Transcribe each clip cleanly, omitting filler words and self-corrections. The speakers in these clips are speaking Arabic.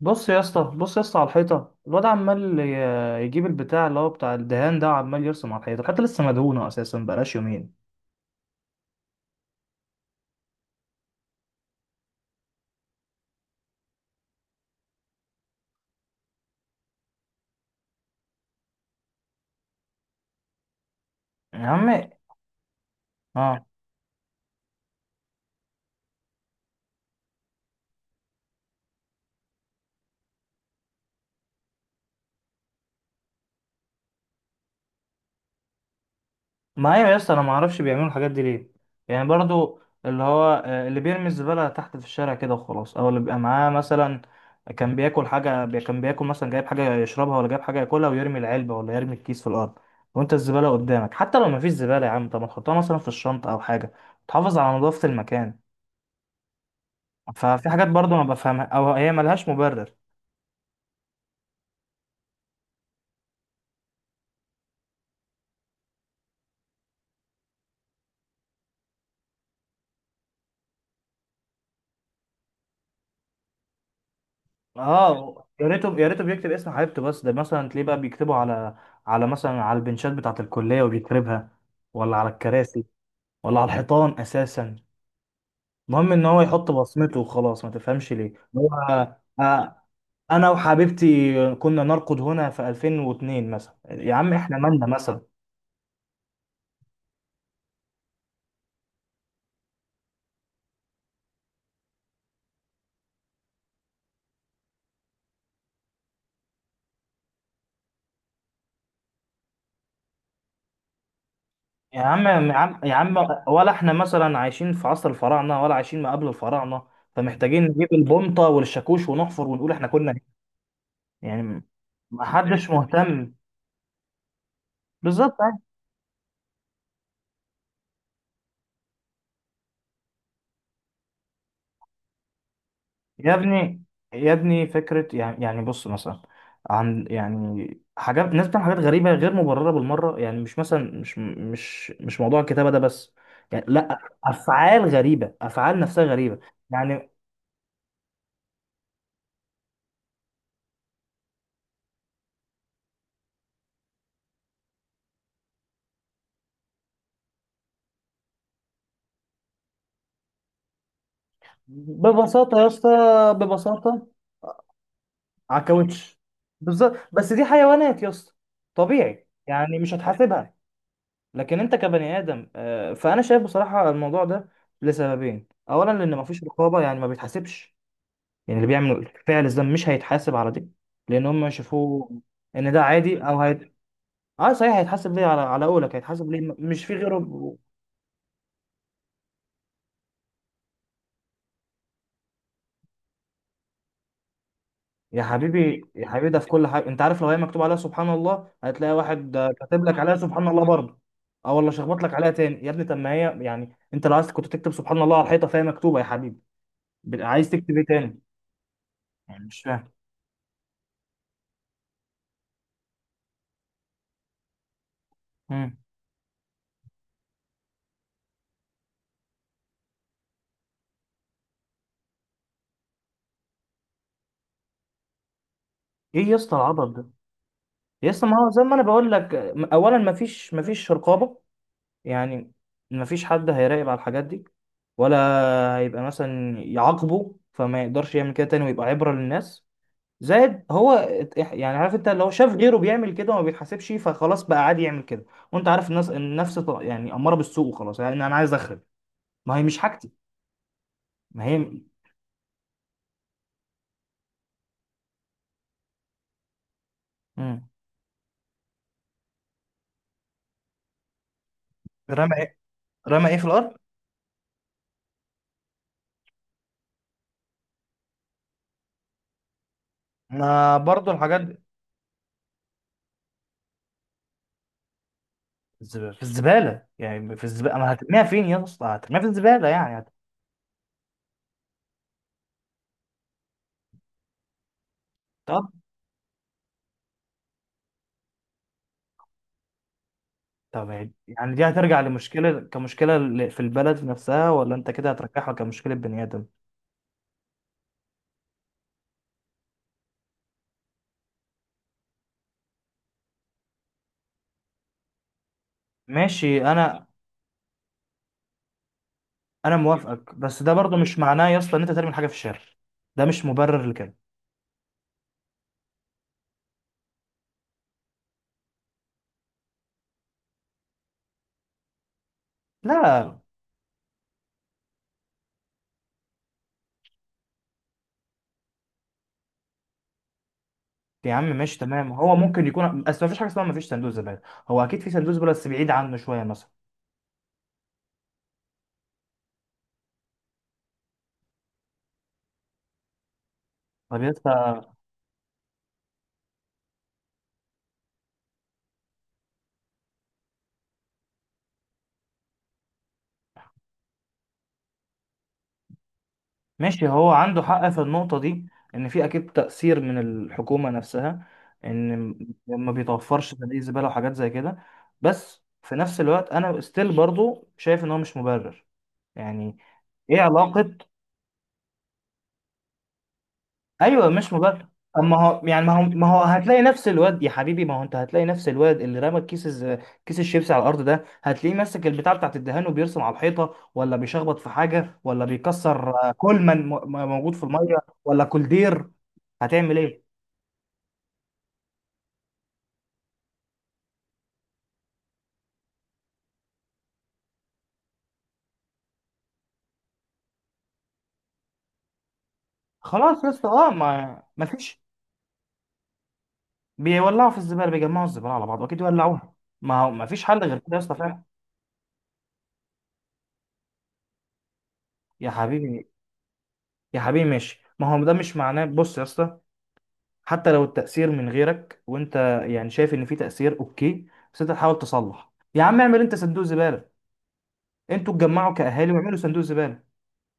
بص يا اسطى بص يا اسطى على الحيطه. الواد عمال يجيب البتاع اللي هو بتاع الدهان ده، وعمال يرسم على الحيطه لسه مدهونه اساسا، بقالهاش يومين. يا عم، اه، ما هي يا اسطى انا ما اعرفش بيعملوا الحاجات دي ليه، يعني برضو. اللي هو اللي بيرمي الزباله تحت في الشارع كده وخلاص، او اللي بيبقى معاه مثلا كان بياكل حاجه، كان بياكل مثلا، جايب حاجه يشربها ولا جايب حاجه ياكلها ويرمي العلبه ولا يرمي الكيس في الارض، وانت الزباله قدامك. حتى لو ما فيش زباله يا عم، طب ما تحطها مثلا في الشنطه او حاجه، تحافظ على نظافه المكان. ففي حاجات برضو ما بفهمها، او هي ملهاش مبرر. اه يا ريته يا ريته بيكتب اسم حبيبته، بس ده مثلا تلاقيه بقى بيكتبه على مثلا على البنشات بتاعة الكلية وبيكربها، ولا على الكراسي، ولا على الحيطان اساسا. المهم ان هو يحط بصمته وخلاص، ما تفهمش ليه هو. آه، انا وحبيبتي كنا نرقد هنا في 2002 مثلا يا عم؟ احنا مالنا مثلا؟ يا عم يا عم يا عم، ولا احنا مثلا عايشين في عصر الفراعنه ولا عايشين ما قبل الفراعنه، فمحتاجين نجيب البمطه والشاكوش ونحفر ونقول احنا كنا هنا. يعني ما حدش مهتم، بالظبط يعني. يا ابني يا ابني، فكره يعني بص مثلا، عن يعني حاجات. الناس بتعمل حاجات غريبه غير مبرره بالمره. يعني مش مثلا، مش موضوع الكتابه ده بس يعني، لا، افعال غريبه، افعال نفسها غريبه يعني. ببساطه يا اسطى، ببساطه، على الكاوتش. بالظبط، بس دي حيوانات يا اسطى، طبيعي يعني، مش هتحاسبها. لكن انت كبني ادم، فانا شايف بصراحه الموضوع ده لسببين. اولا، لان مفيش رقابه، يعني ما بيتحاسبش. يعني اللي بيعمل فعل الذنب مش هيتحاسب على دي، لان هم شافوه ان ده عادي، او اه، صحيح، هيتحاسب ليه، على قولك، هيتحاسب ليه، مش في غيره. يا حبيبي يا حبيبي، ده في كل حاجه. انت عارف لو هي مكتوب عليها سبحان الله، هتلاقي واحد كاتب لك عليها سبحان الله برضه، او والله شخبط لك عليها تاني يا ابني. طب ما هي يعني انت لو عايز كنت تكتب سبحان الله على الحيطه، فهي مكتوبه يا حبيبي، عايز تكتب ايه تاني؟ يعني مش فاهم. مم. ايه يا اسطى العبط ده؟ يا اسطى، ما هو زي ما انا بقول لك، اولا، ما فيش رقابه. يعني ما فيش حد هيراقب على الحاجات دي، ولا هيبقى مثلا يعاقبه، فما يقدرش يعمل كده تاني ويبقى عبره للناس. زائد هو يعني، عارف، انت لو شاف غيره بيعمل كده وما بيتحاسبش، فخلاص بقى عادي يعمل كده. وانت عارف الناس، النفس يعني اماره بالسوء، وخلاص يعني انا عايز اخرب، ما هي مش حاجتي. ما هي. مم. رمى ايه؟ رمى ايه في الارض؟ ما برضو الحاجات دي. في الزباله، يعني في الزباله، انا هترميها فين يا اسطى؟ هترميها في الزباله يعني، طب. طب دي هترجع لمشكله كمشكله، في البلد نفسها، ولا انت كده هترجعها كمشكله بني ادم؟ ماشي، انا موافقك، بس ده برضه مش معناه يا اسطى ان انت ترمي الحاجه في الشارع. ده مش مبرر لكده. لا يا عم ماشي، تمام، هو ممكن يكون، بس ما فيش حاجه اسمها ما فيش صندوق زباله. هو اكيد في صندوق زباله، بس بعيد عنه شويه مثلا. طب يا اسطى، ماشي، هو عنده حق في النقطه دي، ان في اكيد تاثير من الحكومه نفسها، ان ما بيتوفرش صناديق زباله وحاجات زي كده. بس في نفس الوقت انا ستيل برضه شايف ان هو مش مبرر، يعني. ايه علاقه؟ ايوه، مش مبالغه. اما هو يعني، ما هو هتلاقي نفس الواد يا حبيبي. ما هو انت هتلاقي نفس الواد اللي رمى كيس الشيبسي على الارض ده، هتلاقيه ماسك البتاع بتاعت الدهان وبيرسم على الحيطه، ولا بيشخبط في حاجه، ولا بيكسر كل من موجود في الميه، ولا كولدير. هتعمل ايه؟ خلاص يا اسطى، اه، ما ما فيش بيولعوا في الزباله، بيجمعوا الزباله على بعض واكيد يولعوها. ما هو ما فيش حل غير كده يا اسطى فعلا. يا حبيبي يا حبيبي، ماشي، ما هو ده مش معناه. بص يا اسطى، حتى لو التأثير من غيرك وانت، يعني، شايف ان في تأثير، اوكي، بس انت تحاول تصلح. يا عم اعمل انت صندوق زبالة، انتوا اتجمعوا كأهالي واعملوا صندوق زبالة.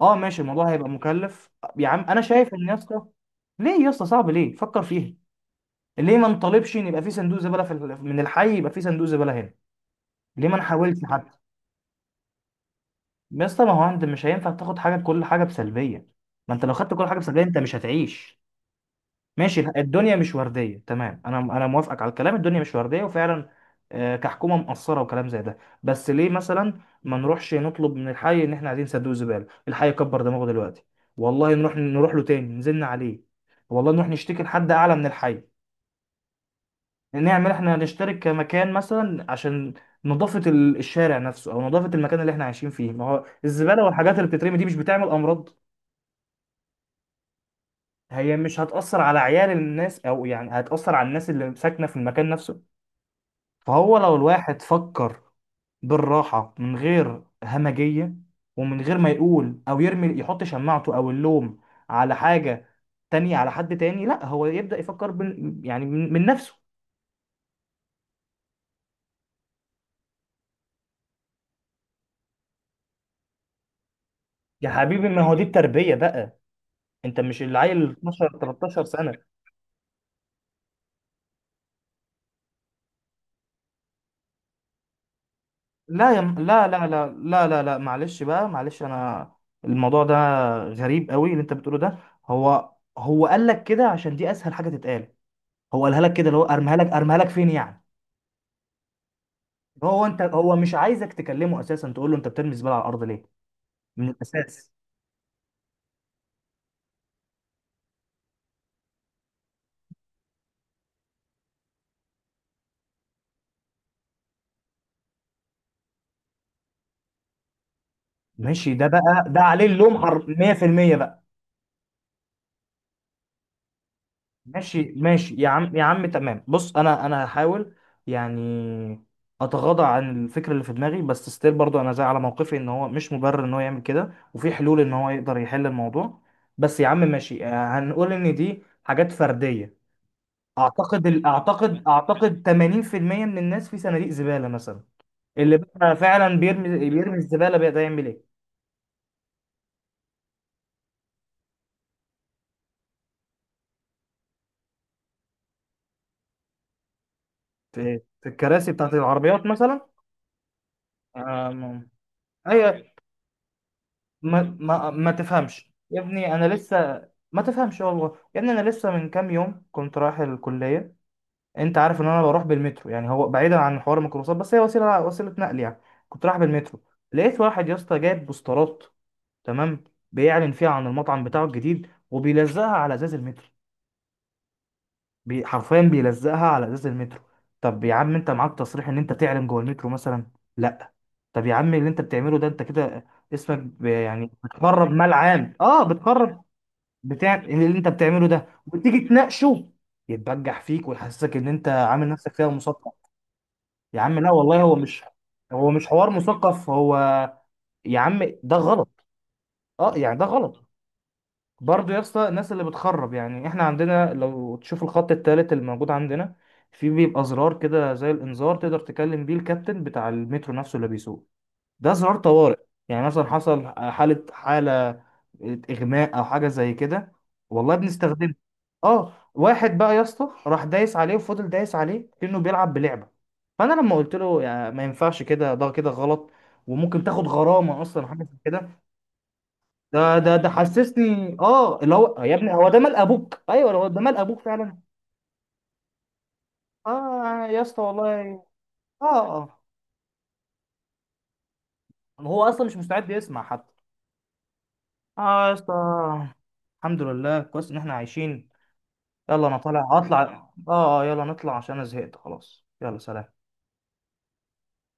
اه ماشي، الموضوع هيبقى مكلف، يا عم انا شايف ان، يا اسطى، ليه يا اسطى صعب؟ ليه؟ فكر فيها، ليه ما نطالبش ان يبقى في صندوق زبالة في من الحي؟ يبقى في صندوق زبالة هنا، ليه ما نحاولش حتى؟ يا اسطى، ما هو انت مش هينفع تاخد حاجة، كل حاجة بسلبية. ما انت لو خدت كل حاجة بسلبية، انت مش هتعيش. ماشي، الدنيا مش ورديه، تمام، انا موافقك على الكلام، الدنيا مش ورديه وفعلا، كحكومه مقصره وكلام زي ده، بس ليه مثلا ما نروحش نطلب من الحي ان احنا عايزين صندوق زباله؟ الحي كبر دماغه دلوقتي، والله نروح، نروح له تاني، نزلنا عليه، والله نروح نشتكي لحد اعلى من الحي. نعمل، احنا نشترك كمكان مثلا عشان نظافه الشارع نفسه، او نظافه المكان اللي احنا عايشين فيه. ما هو الزباله والحاجات اللي بتترمي دي مش بتعمل امراض؟ هي مش هتأثر على عيال الناس، او يعني هتأثر على الناس اللي ساكنه في المكان نفسه. فهو لو الواحد فكر بالراحة من غير همجية، ومن غير ما يقول، أو يرمي، يحط شماعته أو اللوم على حاجة تانية، على حد تاني، لا، هو يبدأ يفكر، يعني من نفسه. يا حبيبي، ما هو دي التربية بقى. انت مش العيل 12 13 سنة؟ لا لا لا لا لا لا لا، معلش بقى، معلش، انا الموضوع ده غريب قوي، اللي انت بتقوله ده. هو هو قال لك كده عشان دي اسهل حاجة تتقال. هو قالها لك كده، اللي هو ارميها لك فين يعني؟ هو مش عايزك تكلمه اساسا، تقول له انت بترمي الزباله على الارض ليه، من الاساس. ماشي، ده بقى، ده عليه اللوم، 100% بقى. ماشي ماشي، يا عم يا عم، تمام، بص، انا هحاول يعني اتغاضى عن الفكره اللي في دماغي، بس ستيل برضو انا زي على موقفي ان هو مش مبرر ان هو يعمل كده، وفي حلول ان هو يقدر يحل الموضوع. بس يا عم ماشي، هنقول ان دي حاجات فرديه. اعتقد ال- اعتقد اعتقد 80% من الناس في صناديق زباله مثلا. اللي بقى فعلا بيرمي الزباله بقى، ده يعمل ايه؟ في، في الكراسي بتاعت العربيات مثلا. آه، ما- ايوه، ما تفهمش يا ابني، انا لسه، ما تفهمش. والله يا ابني انا لسه من كام يوم كنت رايح الكليه. انت عارف ان انا بروح بالمترو، يعني هو بعيدا عن حوار الميكروباصات، بس هي وسيله نقل يعني. كنت رايح بالمترو، لقيت واحد يا اسطى جايب بوسترات، تمام؟ بيعلن فيها عن المطعم بتاعه الجديد، وبيلزقها على ازاز المترو. حرفيا بيلزقها على ازاز المترو. طب يا عم، انت معاك تصريح ان انت تعلن جوه المترو مثلا؟ لا. طب يا عم، اللي انت بتعمله ده انت كده، اسمك، يعني بتخرب مال عام، اه، بتخرب بتاع. اللي انت بتعمله ده وتيجي تناقشه، يتبجح فيك ويحسسك ان انت عامل نفسك فيها مثقف. يا عم لا والله، هو مش حوار مثقف. هو، يا عم، ده غلط. اه، يعني ده غلط، برضه. يا اسطى، الناس اللي بتخرب يعني، احنا عندنا، لو تشوف الخط التالت الموجود عندنا، في بيبقى زرار كده زي الانذار، تقدر تكلم بيه الكابتن بتاع المترو نفسه اللي بيسوق. ده زرار طوارئ، يعني مثلا حصل حالة اغماء او حاجة زي كده، والله بنستخدمه. اه، واحد بقى يا اسطى راح دايس عليه وفضل دايس عليه كأنه بيلعب بلعبة. فانا لما قلت له يعني ما ينفعش كده، ده كده غلط، وممكن تاخد غرامة اصلا حاجة زي كده، ده حسسني، اه، اللي هو يا ابني، هو ده مال ابوك؟ ايوه، هو ده مال ابوك فعلا. اه يا اسطى والله. اه، اه. هو اصلا مش مستعد يسمع حتى. اه يا اسطى، الحمد لله كويس ان احنا عايشين. يلا، انا هطلع يلا نطلع عشان انا زهقت خلاص، يلا سلام.